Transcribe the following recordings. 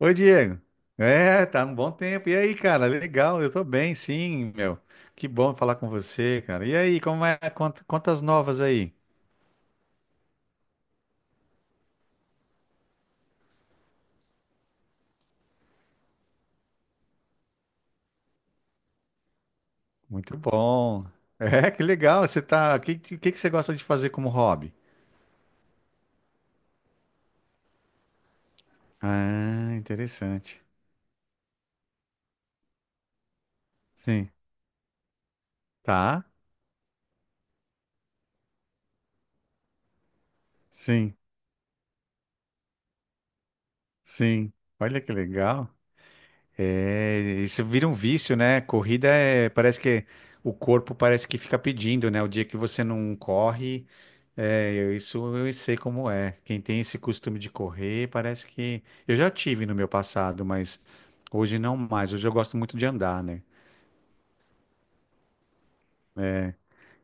Oi, Diego. É, tá um bom tempo. E aí, cara? Legal, eu tô bem, sim, meu. Que bom falar com você, cara. E aí, como é? Quantas novas aí? Muito bom. É, que legal. Você tá. Que você gosta de fazer como hobby? Ah, interessante. Sim. Tá? Sim, sim. Olha que legal. É, isso vira um vício, né? Corrida é, parece que o corpo parece que fica pedindo, né? O dia que você não corre. É, isso eu sei como é. Quem tem esse costume de correr, parece que. Eu já tive no meu passado, mas hoje não mais. Hoje eu gosto muito de andar, né?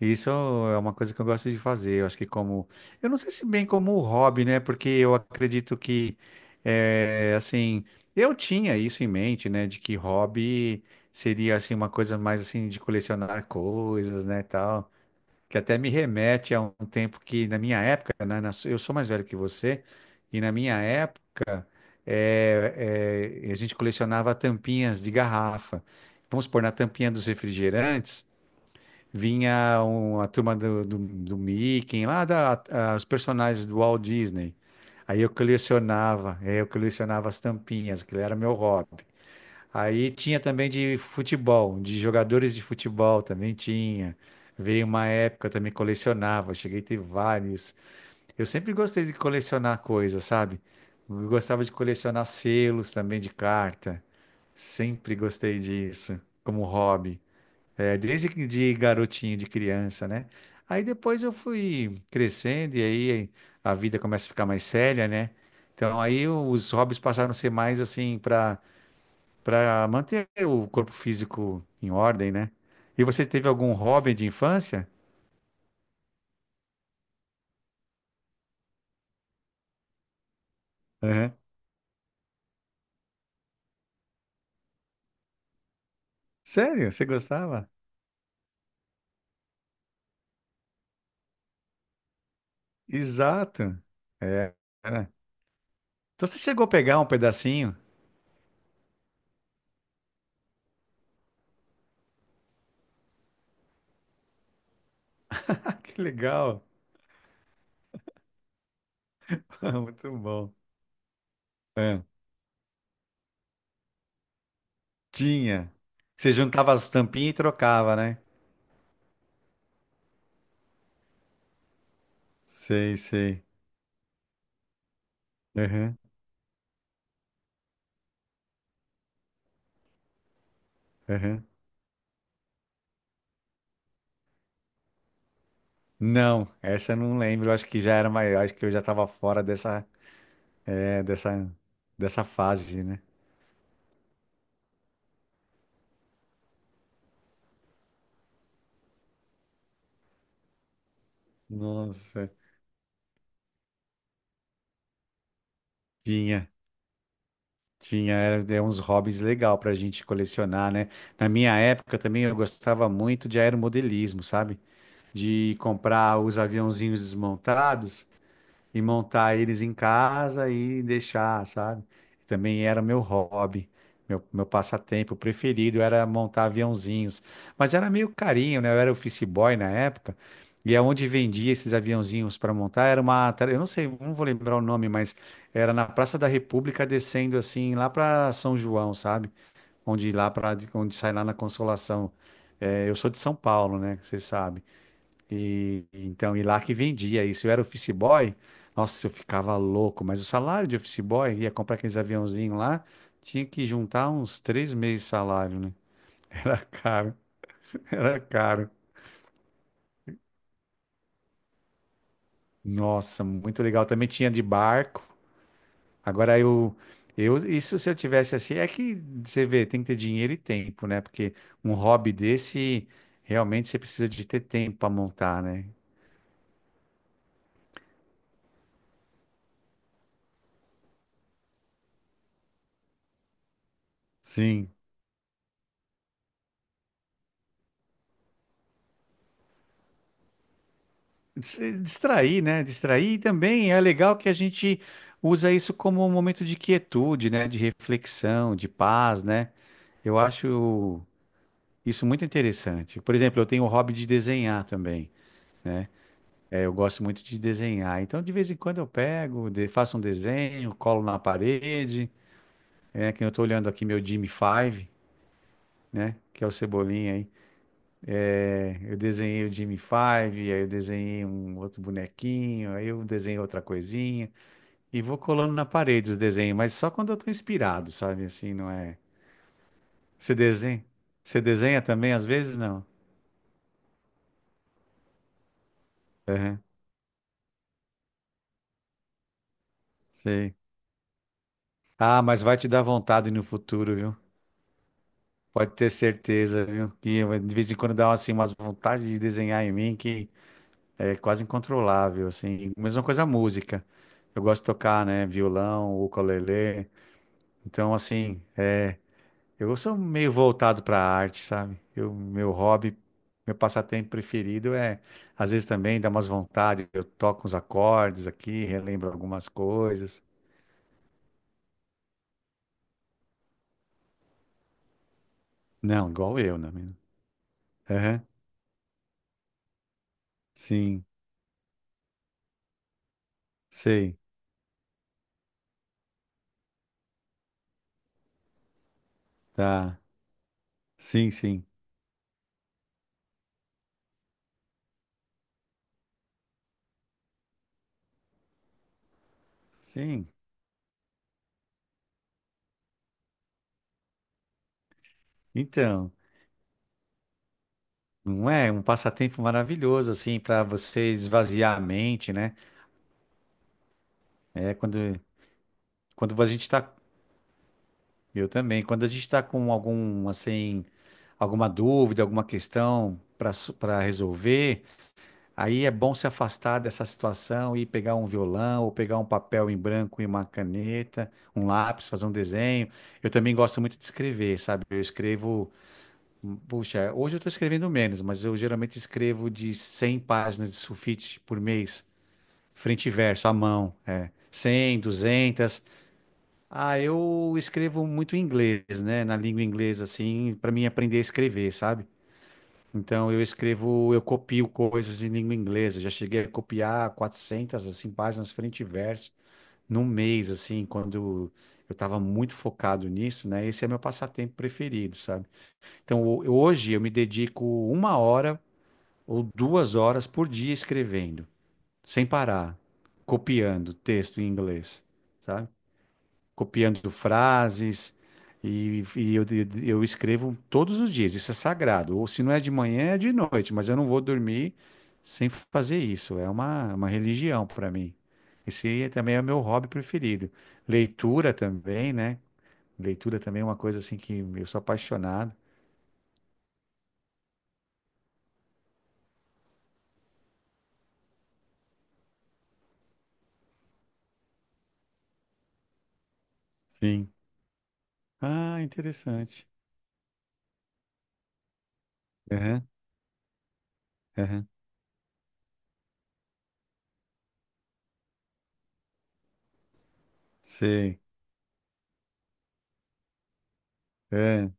Isso é uma coisa que eu gosto de fazer. Eu acho que como. Eu não sei se bem como um hobby, né? Porque eu acredito que, assim, eu tinha isso em mente, né? De que hobby seria, assim, uma coisa mais, assim, de colecionar coisas, né? Tal. Que até me remete a um tempo que, na minha época, né, eu sou mais velho que você, e na minha época, a gente colecionava tampinhas de garrafa. Vamos supor, na tampinha dos refrigerantes, a turma do Mickey, lá da, os personagens do Walt Disney. Aí eu colecionava as tampinhas, aquilo era meu hobby. Aí tinha também de futebol, de jogadores de futebol também tinha. Veio uma época, eu também colecionava, cheguei a ter vários. Eu sempre gostei de colecionar coisas, sabe? Eu gostava de colecionar selos também de carta. Sempre gostei disso, como hobby. É, de garotinho, de criança, né? Aí depois eu fui crescendo e aí a vida começa a ficar mais séria, né? Então aí os hobbies passaram a ser mais assim para manter o corpo físico em ordem, né? E você teve algum hobby de infância? Aham. Sério? Você gostava? Exato. É, era. Então você chegou a pegar um pedacinho? Ah, que legal. Muito bom. É. Tinha. Você juntava as tampinhas e trocava, né? Sei, sei. Aham, aham. Não, essa eu não lembro. Eu acho que já era maior. Acho que eu já estava fora dessa, é, dessa, dessa fase, né? Nossa, tinha. Tinha, era, era uns hobbies legal pra gente colecionar, né? Na minha época também eu gostava muito de aeromodelismo, sabe? De comprar os aviãozinhos desmontados e montar eles em casa e deixar, sabe? Também era meu hobby, meu passatempo preferido era montar aviãozinhos. Mas era meio carinho, né? Eu era office boy na época, e aonde vendia esses aviãozinhos para montar era uma, eu não sei, não vou lembrar o nome, mas era na Praça da República descendo assim lá para São João, sabe? Onde lá para onde sai lá na Consolação. É, eu sou de São Paulo, né? Você sabe. E então, e lá que vendia isso. Eu era office boy, nossa, eu ficava louco, mas o salário de office boy, ia comprar aqueles aviãozinhos lá, tinha que juntar uns 3 meses de salário, né? Era caro, era caro. Nossa, muito legal. Também tinha de barco. Agora isso se eu tivesse assim, é que você vê, tem que ter dinheiro e tempo, né? Porque um hobby desse, realmente você precisa de ter tempo para montar, né? Sim. Distrair, né? Distrair e também é legal que a gente usa isso como um momento de quietude, né? De reflexão, de paz, né? Eu acho isso muito interessante. Por exemplo, eu tenho o hobby de desenhar também. É, eu gosto muito de desenhar. Então, de vez em quando eu pego, faço um desenho, colo na parede. É, que eu estou olhando aqui meu Jimmy Five, né? Que é o Cebolinha aí. É, eu desenhei o Jimmy Five, aí eu desenhei um outro bonequinho, aí eu desenhei outra coisinha. E vou colando na parede os desenhos, mas só quando eu tô inspirado, sabe? Assim, não é. Você desenha? Você desenha também às vezes? Não. Aham, sei. Ah, mas vai te dar vontade no futuro, viu? Pode ter certeza, viu? Que eu, de vez em quando dá assim, umas vontades de desenhar em mim que é quase incontrolável, assim. Mesma coisa a música. Eu gosto de tocar, né? Violão, ukulele. Então, assim. Eu sou meio voltado para a arte, sabe? Eu, meu hobby, meu passatempo preferido é, às vezes também dá umas vontades, eu toco uns acordes aqui, relembro algumas coisas. Não, igual eu, né? Menino? Aham, sim, sei, tá. Sim, sim, sim. Então, não é um passatempo maravilhoso, assim, para você esvaziar a mente, né? É quando a gente tá, eu também, quando a gente tá com algum, assim, alguma dúvida, alguma questão para resolver, aí é bom se afastar dessa situação e pegar um violão ou pegar um papel em branco e uma caneta, um lápis, fazer um desenho. Eu também gosto muito de escrever, sabe? Eu escrevo, puxa, hoje eu estou escrevendo menos, mas eu geralmente escrevo de 100 páginas de sulfite por mês, frente e verso, à mão, é. 100, 200. Ah, eu escrevo muito em inglês, né? Na língua inglesa, assim, para mim aprender a escrever, sabe? Então eu escrevo, eu copio coisas em língua inglesa. Já cheguei a copiar 400 assim páginas frente e verso num mês assim, quando eu estava muito focado nisso, né? Esse é meu passatempo preferido, sabe? Então hoje eu me dedico uma hora ou 2 horas por dia escrevendo, sem parar, copiando texto em inglês, sabe? Copiando frases. E, e eu, eu escrevo todos os dias, isso é sagrado. Ou se não é de manhã, é de noite, mas eu não vou dormir sem fazer isso. É uma religião para mim. Esse também é o meu hobby preferido. Leitura também, né? Leitura também é uma coisa assim que eu sou apaixonado. Sim. Ah, interessante. Aham, aham. Sei. É.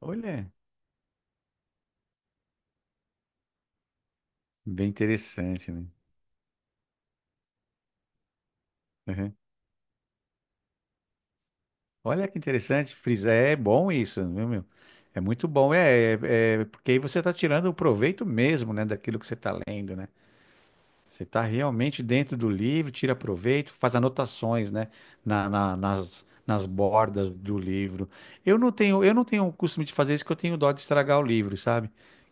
Olha, bem interessante, né? Aham. Olha que interessante, frisar, é bom isso, viu, meu? É muito bom, porque aí você está tirando o proveito mesmo, né, daquilo que você está lendo, né? Você está realmente dentro do livro, tira proveito, faz anotações, né, nas bordas do livro. Eu não tenho o costume de fazer isso, que eu tenho dó de estragar o livro, sabe?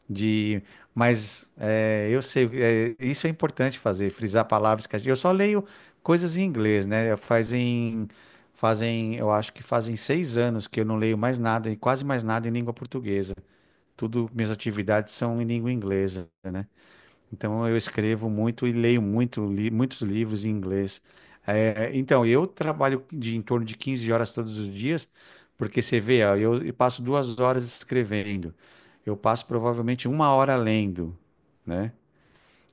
De, mas é, eu sei, é, isso é importante fazer, frisar palavras que a gente, eu só leio coisas em inglês, né? Fazem, eu acho que fazem 6 anos que eu não leio mais nada, e quase mais nada em língua portuguesa. Tudo, minhas atividades são em língua inglesa, né? Então eu escrevo muito e leio muito, muitos livros em inglês. É, então eu trabalho de em torno de 15 horas todos os dias, porque você vê, ó, eu passo 2 horas escrevendo, eu passo provavelmente uma hora lendo, né?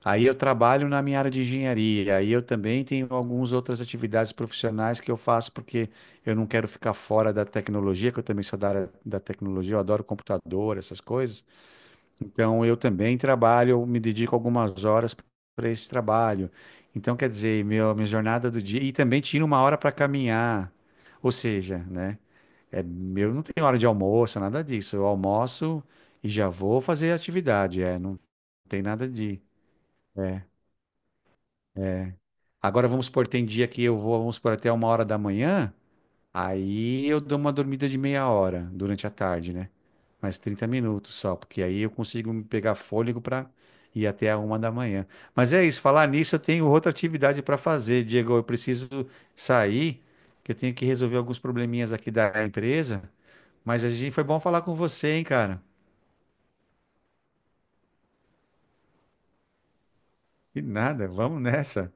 Aí eu trabalho na minha área de engenharia, aí eu também tenho algumas outras atividades profissionais que eu faço porque eu não quero ficar fora da tecnologia, que eu também sou da área da tecnologia, eu adoro computador, essas coisas. Então, eu também trabalho, me dedico algumas horas para esse trabalho. Então, quer dizer, meu, minha jornada do dia. E também tiro uma hora para caminhar. Ou seja, né? É, eu não tenho hora de almoço, nada disso. Eu almoço e já vou fazer atividade. É, não tem nada de. É. Agora, vamos supor, tem dia que eu vou, vamos supor, até uma hora da manhã. Aí eu dou uma dormida de meia hora durante a tarde, né? Mais 30 minutos só, porque aí eu consigo me pegar fôlego para ir até a uma da manhã. Mas é isso, falar nisso, eu tenho outra atividade para fazer, Diego. Eu preciso sair, que eu tenho que resolver alguns probleminhas aqui da empresa. Mas a gente foi bom falar com você, hein, cara? E nada, vamos nessa.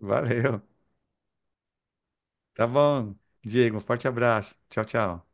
Valeu. Tá bom, Diego. Um forte abraço. Tchau, tchau.